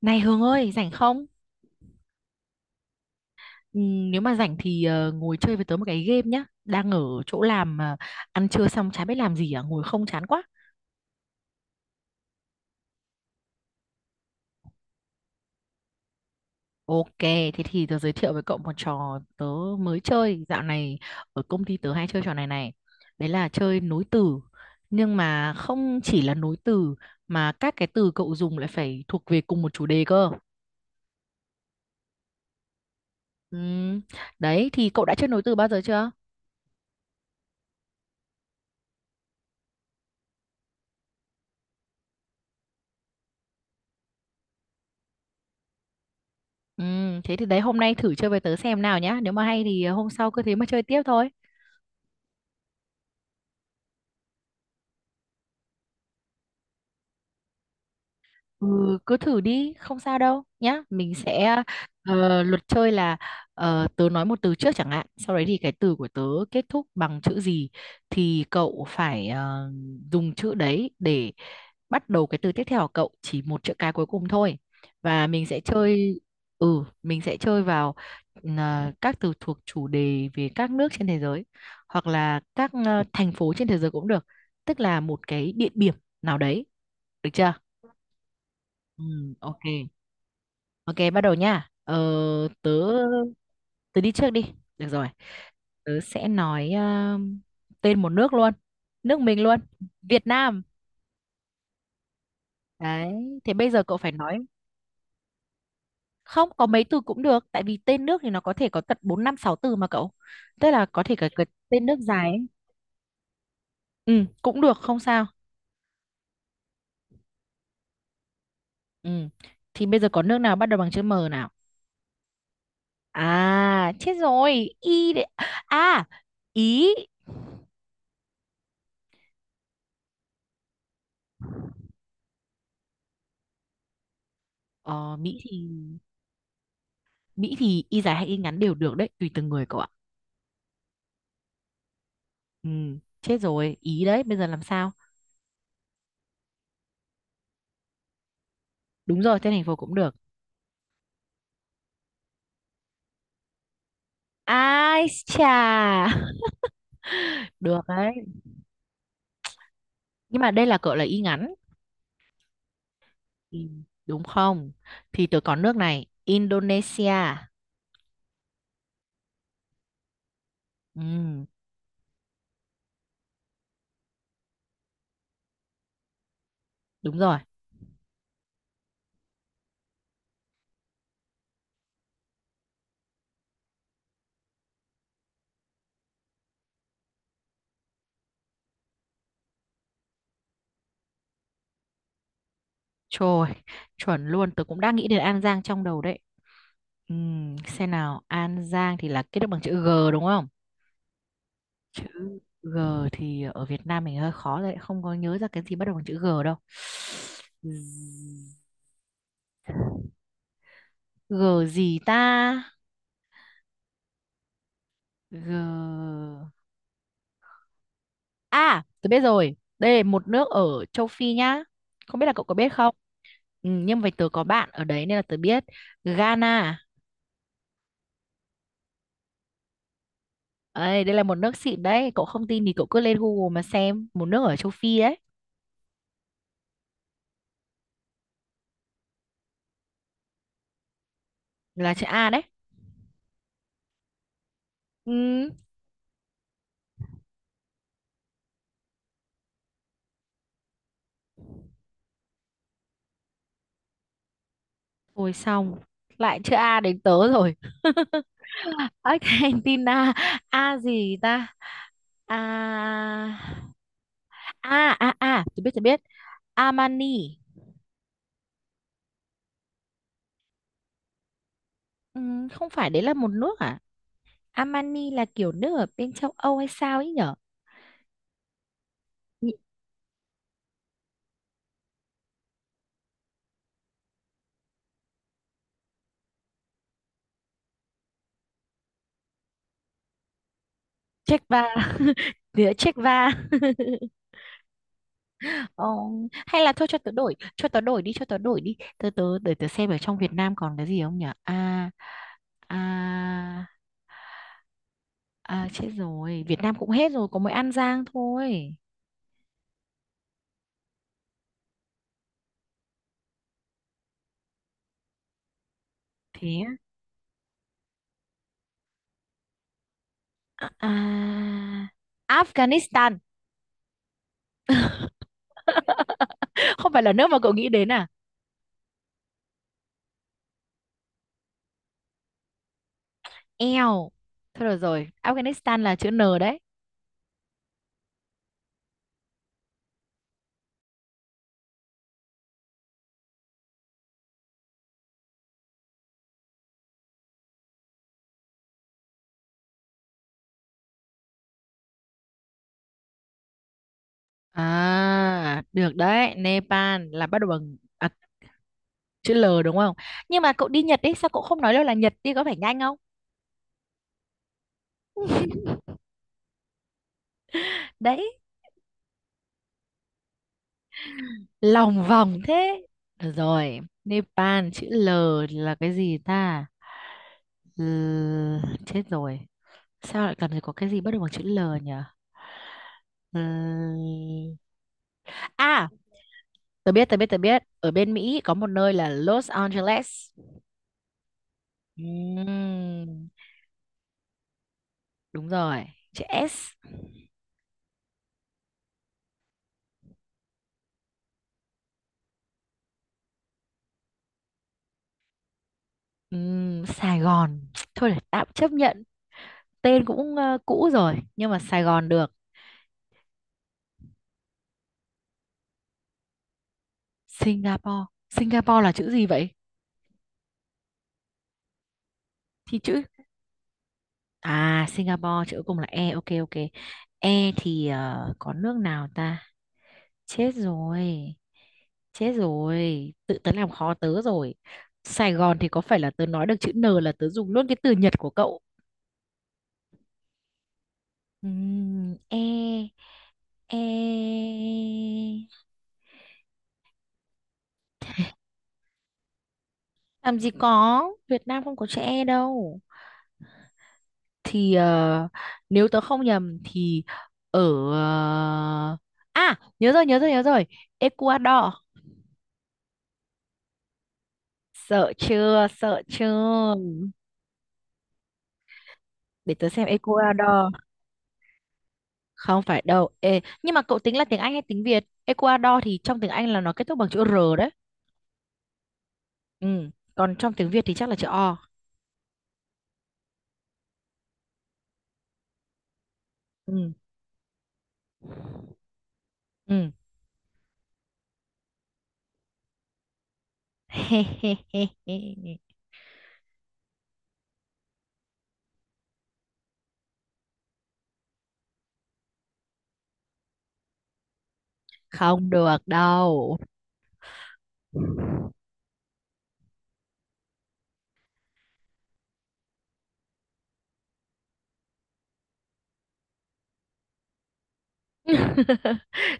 Này Hương ơi, rảnh không? Ừ, nếu mà rảnh thì ngồi chơi với tớ một cái game nhá. Đang ở chỗ làm mà ăn trưa xong chả biết làm gì à, ngồi không chán quá. Ok, thế thì tớ giới thiệu với cậu một trò tớ mới chơi. Dạo này ở công ty tớ hay chơi trò này này. Đấy là chơi nối từ. Nhưng mà không chỉ là nối từ mà các cái từ cậu dùng lại phải thuộc về cùng một chủ đề cơ. Ừ, đấy thì cậu đã chơi nối từ bao giờ chưa? Ừ, thế thì đấy hôm nay thử chơi với tớ xem nào nhá. Nếu mà hay thì hôm sau cứ thế mà chơi tiếp thôi. Ừ, cứ thử đi, không sao đâu nhá. Luật chơi là tớ nói một từ trước chẳng hạn, sau đấy thì cái từ của tớ kết thúc bằng chữ gì thì cậu phải dùng chữ đấy để bắt đầu cái từ tiếp theo của cậu, chỉ một chữ cái cuối cùng thôi. Và mình sẽ chơi ừ, mình sẽ chơi vào các từ thuộc chủ đề về các nước trên thế giới hoặc là các thành phố trên thế giới cũng được, tức là một cái địa điểm nào đấy, được chưa? Ừ, ok. Ok, bắt đầu nha. Ờ, tớ tớ đi trước đi. Được rồi. Tớ sẽ nói tên một nước luôn. Nước mình luôn. Việt Nam. Đấy, thế bây giờ cậu phải nói không có mấy từ cũng được, tại vì tên nước thì nó có thể có tận 4 5 6 từ mà cậu. Tức là có thể cả cái tên nước dài ấy. Ừ, cũng được không sao. Ừ. Thì bây giờ có nước nào bắt đầu bằng chữ M nào? À, chết rồi. Y đấy. À, Ý. Ờ, Mỹ thì Mỹ thì y dài hay y ngắn đều được đấy, tùy từng người cậu ạ. Ừ, chết rồi, ý đấy, bây giờ làm sao? Đúng rồi, tên thành phố cũng được. Ai chà, được đấy. Nhưng mà đây là cậu là y ngắn. Ừ, đúng không? Thì tớ có nước này, Indonesia. Ừ, đúng rồi. Trời, chuẩn luôn, tớ cũng đang nghĩ đến An Giang trong đầu đấy. Ừ, xem nào, An Giang thì là kết thúc bằng chữ G đúng không? Chữ G thì ở Việt Nam mình hơi khó đấy, không có nhớ ra cái gì bắt đầu bằng chữ G đâu. G gì ta? G, à tôi biết rồi, đây là một nước ở châu Phi nhá, không biết là cậu có biết không. Ừ, nhưng mà tớ có bạn ở đấy nên là tớ biết. Ghana. Ấy, đây là một nước xịn đấy, cậu không tin thì cậu cứ lên Google mà xem, một nước ở châu Phi đấy. Là chữ A đấy. Ừ. Ôi xong, lại chữ A đến tớ rồi. Argentina, A gì ta? A, A, A, A, tôi biết tôi biết. Armani. Ừ, không phải đấy là một nước à? Armani là kiểu nước ở bên châu Âu hay sao ấy nhở? Nhị- Czech va. Địa Czech va. Ờ, hay là thôi cho tớ đổi, cho tớ đổi đi, cho tớ đổi đi, tớ tớ để tớ xem ở trong Việt Nam còn cái gì không nhỉ. À à à chết rồi, Việt Nam cũng hết rồi, có mỗi An Giang thôi. Thế á. à, à, Afghanistan. Không phải là nước mà cậu nghĩ đến à? Eo, thôi được rồi, Afghanistan là chữ N đấy. À, được đấy. Nepal là bắt đầu bằng chữ L đúng không? Nhưng mà cậu đi Nhật ấy, sao cậu không nói đâu là Nhật đi có phải nhanh không? Đấy, lòng vòng thế. Được rồi, Nepal chữ L là cái gì ta? L, chết rồi, sao lại cần phải có cái gì bắt đầu bằng chữ L nhỉ? L. À, tớ biết, tớ biết, tớ biết, ở bên Mỹ có một nơi là Los Angeles. Ừm, đúng rồi, chữ S. Sài Gòn, thôi để tạm chấp nhận, tên cũng cũ rồi, nhưng mà Sài Gòn được. Singapore, Singapore là chữ gì vậy? Thì chữ À, Singapore chữ cuối cùng là E, ok ok. E thì có nước nào ta? Chết rồi. Chết rồi. Tự tớ làm khó tớ rồi. Sài Gòn thì có phải là tớ nói được chữ N là tớ dùng luôn cái từ Nhật của cậu. E E làm gì có, Việt Nam không có chữ E đâu. Thì nếu tớ không nhầm thì ở ờ, à, nhớ rồi, nhớ rồi, nhớ rồi, Ecuador. Sợ chưa, sợ chưa. Để tớ xem Ecuador. Không phải đâu. Ê, nhưng mà cậu tính là tiếng Anh hay tiếng Việt? Ecuador thì trong tiếng Anh là nó kết thúc bằng chữ R đấy. Ừ. Còn trong tiếng Việt thì chắc là chữ O. Ừ. Ừ. Không được đâu.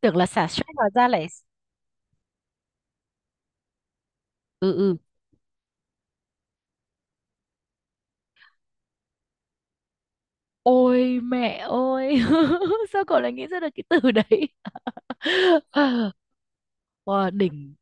Tưởng là xả stress hóa ra lại. Ừ, ừ. Ôi mẹ ơi. Sao cậu lại nghĩ ra được cái từ đấy? Wow, đỉnh,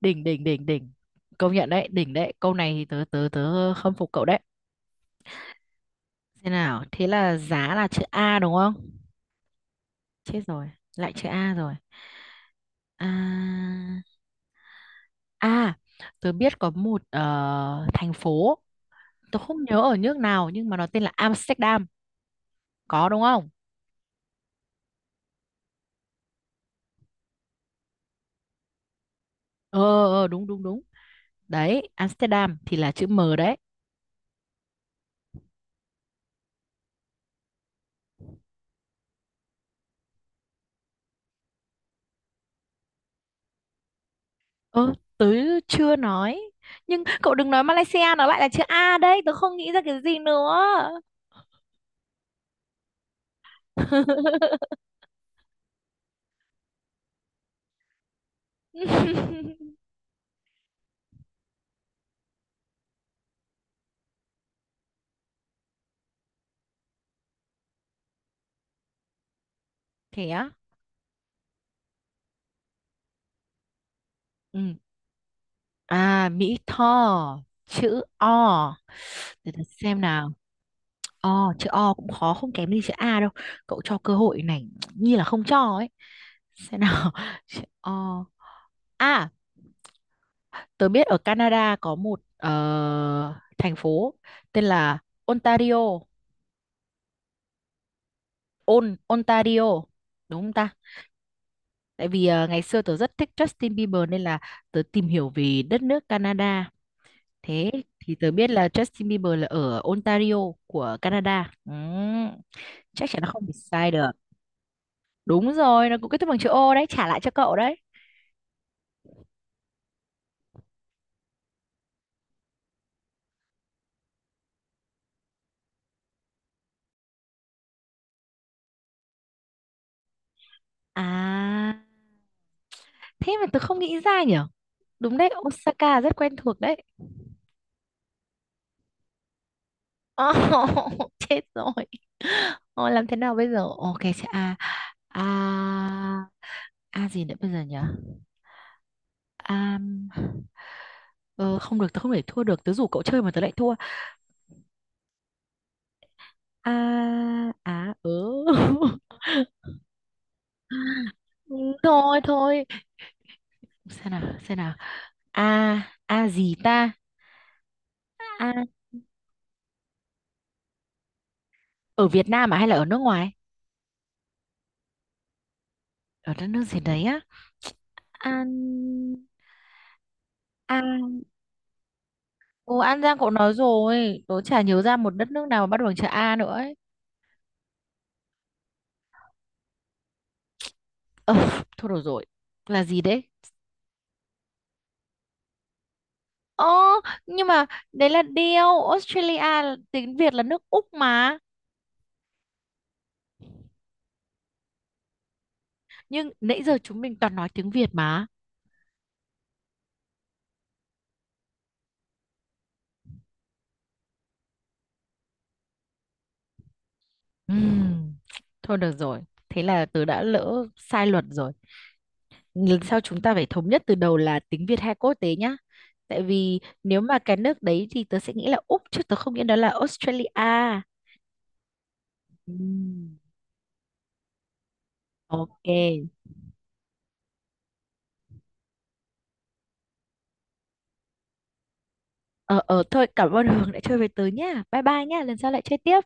đỉnh, đỉnh, đỉnh, đỉnh. Công nhận đấy, đỉnh đấy. Câu này thì tớ tớ tớ khâm phục cậu đấy. Thế nào, thế là giá là chữ A đúng không? Chết rồi, lại chữ A rồi. à à Tớ biết có một thành phố, tớ không nhớ ở nước nào nhưng mà nó tên là Amsterdam. Có đúng không? ờ Đúng, đúng, đúng. Đấy, Amsterdam thì là chữ M đấy. Ơ, tớ chưa nói, nhưng cậu đừng nói Malaysia, nó lại là chữ A đấy, tớ không nghĩ ra cái gì nữa. Thế á? Ừ. À, Mỹ Tho, chữ O. Để ta xem nào. O, chữ O cũng khó không kém gì chữ A đâu. Cậu cho cơ hội này như là không cho ấy. Xem nào, chữ O. À, tớ biết ở Canada có một thành phố tên là Ontario. Ontario đúng không ta? Tại vì ngày xưa tớ rất thích Justin Bieber nên là tớ tìm hiểu về đất nước Canada. Thế thì tớ biết là Justin Bieber là ở Ontario của Canada. Ừ, chắc chắn nó không bị sai được. Đúng rồi, nó cũng kết thúc bằng chữ O đấy, trả lại cho cậu đấy. À, thế mà tớ không nghĩ ra nhở. Đúng đấy, Osaka rất quen thuộc đấy. Ồ, chết rồi. Ồ, làm thế nào bây giờ? Ok, sẽ a, a, a gì nữa bây giờ nhở? À, ờ, không được, tớ không thể thua được. Tớ rủ cậu chơi mà tớ lại thua. à à ừ Thôi, thôi, xem nào, xem nào, a, a gì ta? A. Ở Việt Nam à, hay là ở nước ngoài? Ở đất nước gì đấy á? An, a. Ồ, An Giang cậu nói rồi, tớ chả nhớ ra một đất nước nào mà bắt đầu bằng chữ A nữa ấy. ờ Thôi được rồi, là gì đấy? Ồ, nhưng mà đấy là điều Australia tiếng Việt là nước Úc mà. Nhưng nãy giờ chúng mình toàn nói tiếng Việt mà. Ừm, Thôi được rồi. Thế là tớ đã lỡ sai luật rồi. Lần sau chúng ta phải thống nhất từ đầu là tiếng Việt hay quốc tế nhá. Tại vì nếu mà cái nước đấy thì tớ sẽ nghĩ là Úc chứ tớ không nghĩ đó là Australia. Ừm. Ok. Ờ thôi cảm ơn Hường đã chơi với tớ nhá. Bye bye nhá. Lần sau lại chơi tiếp.